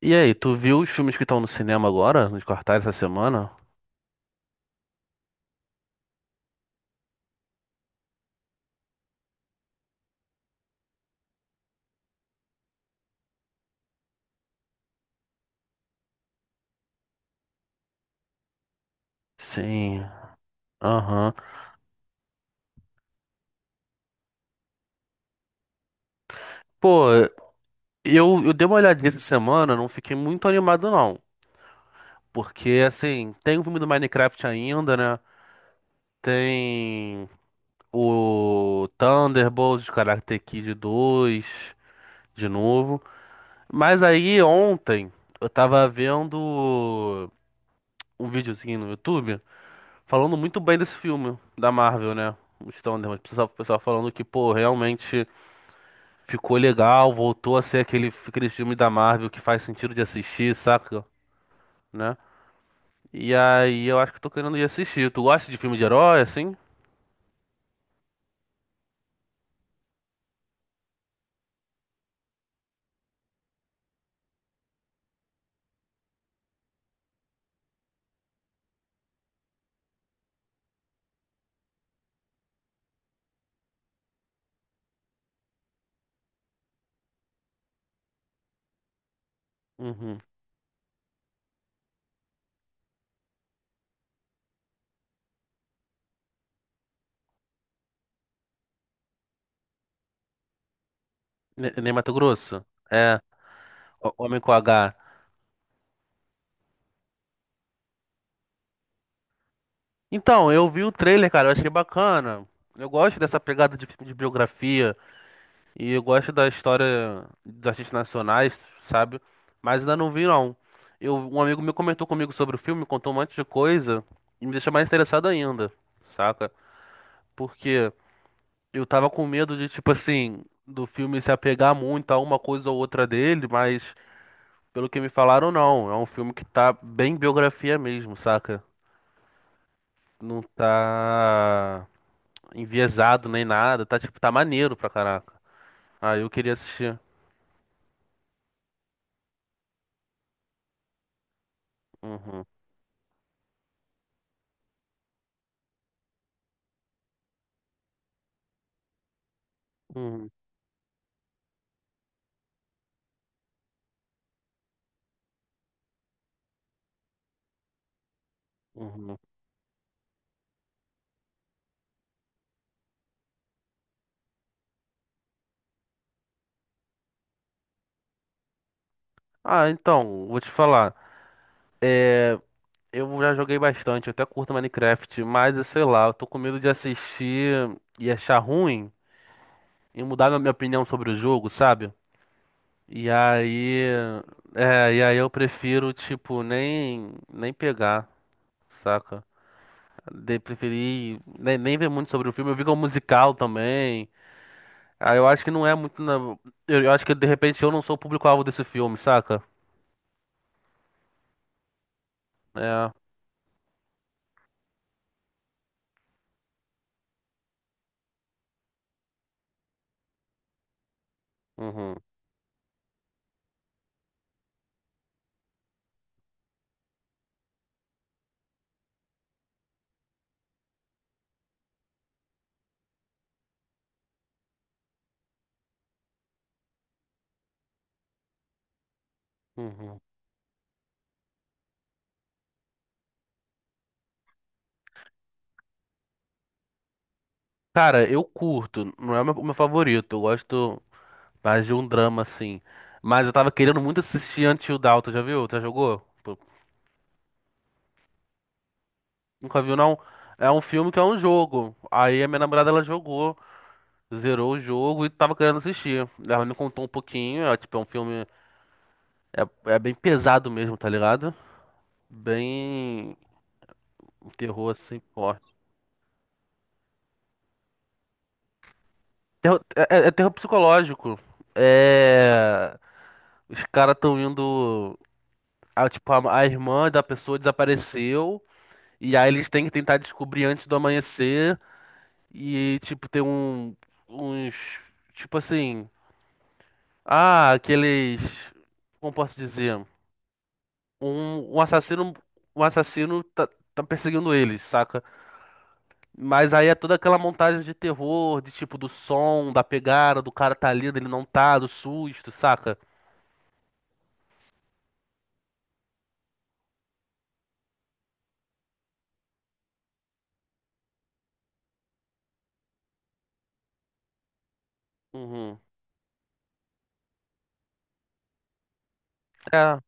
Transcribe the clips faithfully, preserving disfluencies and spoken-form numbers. E aí, tu viu os filmes que estão no cinema agora, nos cartazes essa semana? Sim, aham. Pô, eu, eu dei uma olhadinha essa semana, não fiquei muito animado não. Porque, assim, tem o filme do Minecraft ainda, né? Tem o Thunderbolts, Karate Kid dois, de novo. Mas aí, ontem, eu tava vendo um videozinho no YouTube falando muito bem desse filme da Marvel, né? Os Thunderbolts. O pessoal o pessoal falando que, pô, realmente... Ficou legal, voltou a ser aquele, aquele filme da Marvel que faz sentido de assistir, saca? Né? E aí eu acho que tô querendo ir assistir. Tu gosta de filme de herói, assim? Uhum. Ne- Ney Matogrosso? É, O- Homem com H. Então, eu vi o trailer, cara, eu achei bacana. Eu gosto dessa pegada de filme de biografia e eu gosto da história dos artistas nacionais, sabe? Mas ainda não vi, não. Eu, um amigo meu comentou comigo sobre o filme, contou um monte de coisa e me deixou mais interessado ainda, saca? Porque Eu tava com medo de, tipo assim, do filme se apegar muito a uma coisa ou outra dele, mas pelo que me falaram, não. É um filme que tá bem biografia mesmo, saca? Não tá enviesado nem nada, tá tipo, tá maneiro pra caraca. Ah, eu queria assistir. Uhum, uhum, uhum. Ah, então, vou te falar. É, eu já joguei bastante, eu até curto Minecraft, mas eu sei lá, eu tô com medo de assistir e achar ruim e mudar minha minha opinião sobre o jogo, sabe? E aí, é, e aí eu prefiro, tipo, nem, nem pegar, saca? De preferi nem, nem ver muito sobre o filme. Eu vi que é um musical também. Aí eu acho que não é muito. Na- Eu, eu acho que de repente eu não sou o público-alvo desse filme, saca? É. Uhum, uhum. Cara, eu curto. Não é o meu, o meu favorito. Eu gosto mais de um drama, assim. Mas eu tava querendo muito assistir Until Dawn. Tu já viu? Tu já jogou? Pô, nunca viu, não? É um filme que é um jogo. Aí a minha namorada ela jogou. Zerou o jogo e tava querendo assistir. Ela me contou um pouquinho, é, tipo, é um filme. É, é bem pesado mesmo, tá ligado? Bem. Terror assim, forte. Terror- é, é- é terror psicológico. É. Os caras tão indo. A, tipo, a, a irmã da pessoa desapareceu. E aí eles têm que tentar descobrir antes do amanhecer. E, tipo, tem um. Uns. Tipo assim. Ah, aqueles. Como posso dizer? um, um assassino, um assassino tá, tá perseguindo eles, saca? Mas aí é toda aquela montagem de terror, de tipo do som, da pegada, do cara tá ali, dele não tá, do susto, saca? Uhum. É,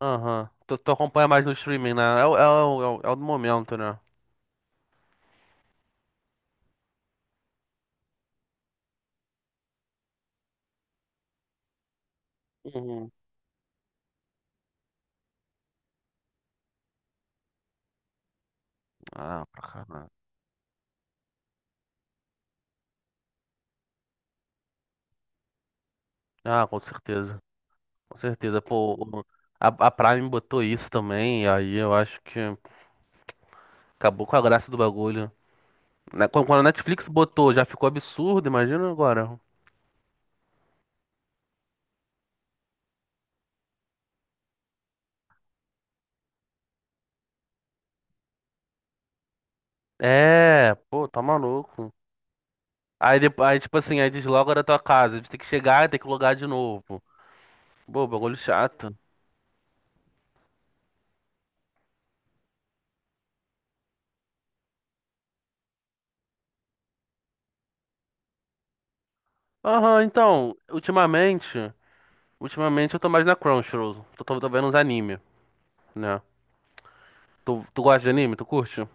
aham. Tu, tu acompanha mais no streaming, né? É, o- é, o- é, o- é o do momento, né? Uhum. Ah, pra caralho. Ah, com certeza. Com certeza. Pô, o- a a Prime botou isso também, e aí eu acho que acabou com a graça do bagulho. Né, Quando quando a Netflix botou, já ficou absurdo, imagina agora. É, pô, tá maluco. Aí, depo- aí tipo assim, aí desloga da tua casa. A gente tem que chegar e tem que logar de novo. Pô, bagulho chato. Aham, então, ultimamente, ultimamente eu tô mais na Crunchyroll. Tô, tô, tô vendo uns anime, né? Tu, tu gosta de anime? Tu curte?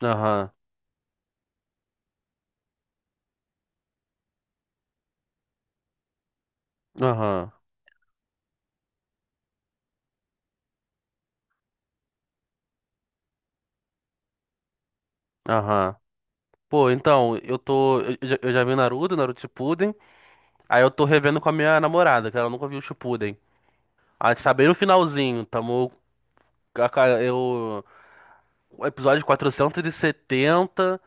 Aham, aham, aham. Pô, então, eu tô. Eu, eu já eu já vi Naruto, Naruto Shippuden. Aí eu tô revendo com a minha namorada, que ela nunca viu o Shippuden. A gente tá bem no finalzinho, tamo. A ca- Eu. O episódio quatrocentos e setenta. E setenta.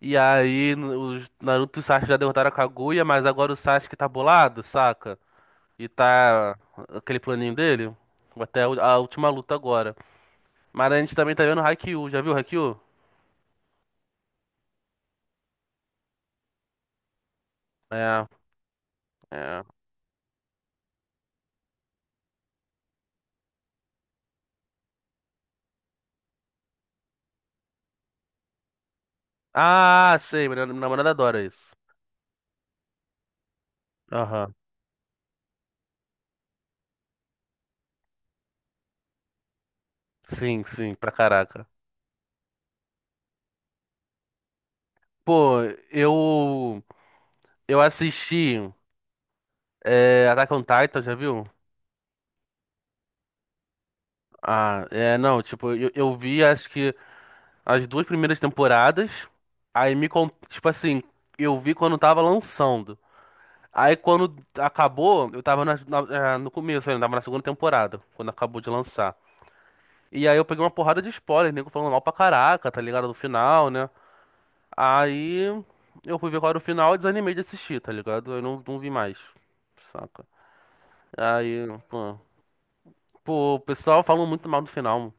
E aí, no- os Naruto e o Sasuke já derrotaram a Kaguya, mas agora o Sasuke tá bolado, saca? E tá aquele planinho dele. Até a u- a última luta agora. Mas a gente também tá vendo Haikyuu. Já viu Haikyuu? É, é. Ah, sei. Minha minha namorada adora isso. Aham. Sim, sim, pra caraca. Pô, eu. Eu assisti. É, Attack on Titan, já viu? Ah, é, não, tipo, eu, eu vi, acho que as duas primeiras temporadas. Aí me, con- tipo assim, eu vi quando tava lançando. Aí quando acabou, eu tava na- na- eh, no começo, ainda tava na segunda temporada, quando acabou de lançar. E aí eu peguei uma porrada de spoiler, nego falando mal pra caraca, tá ligado? Do final, né? Aí eu fui ver qual era o final e desanimei de assistir, tá ligado? Eu não, não vi mais, saca? Aí, pô, pô, o pessoal falou muito mal do final.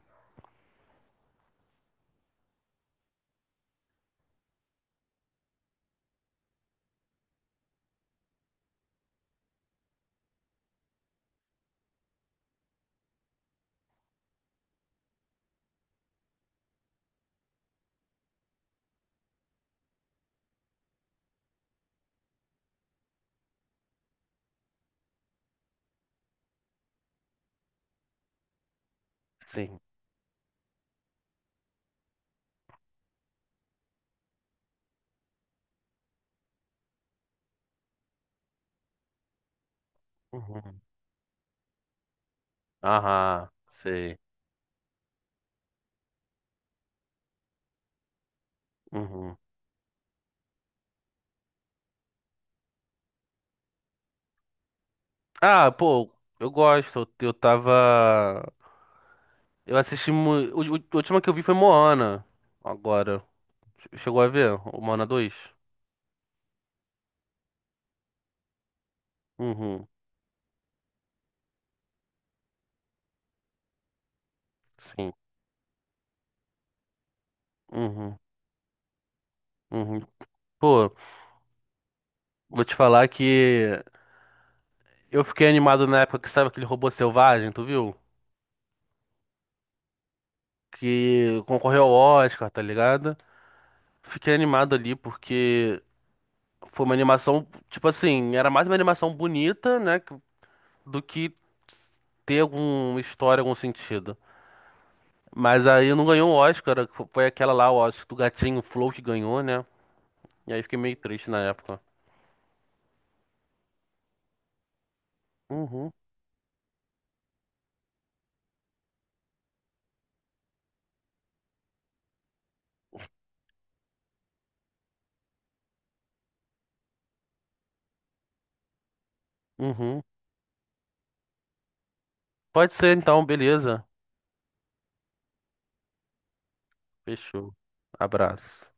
Sim. Uhum. Aham, sei. Uhum. Ah, pô, eu gosto. Eu tava. Eu assisti. Mu- o- o- A última que eu vi foi Moana. Agora. Chegou a ver? O Moana dois? Uhum. Sim. Uhum. Uhum. Pô, vou te falar que eu fiquei animado na época que sabe aquele robô selvagem, tu viu? Que concorreu ao Oscar, tá ligado? Fiquei animado ali porque foi uma animação, tipo assim, era mais uma animação bonita, né, que- do que ter alguma história, algum sentido. Mas aí não ganhou o Oscar, foi aquela lá, o Oscar do gatinho Flow que ganhou, né? E aí fiquei meio triste na época. Uhum, uhum. Pode ser então, beleza. Fechou. Abraço.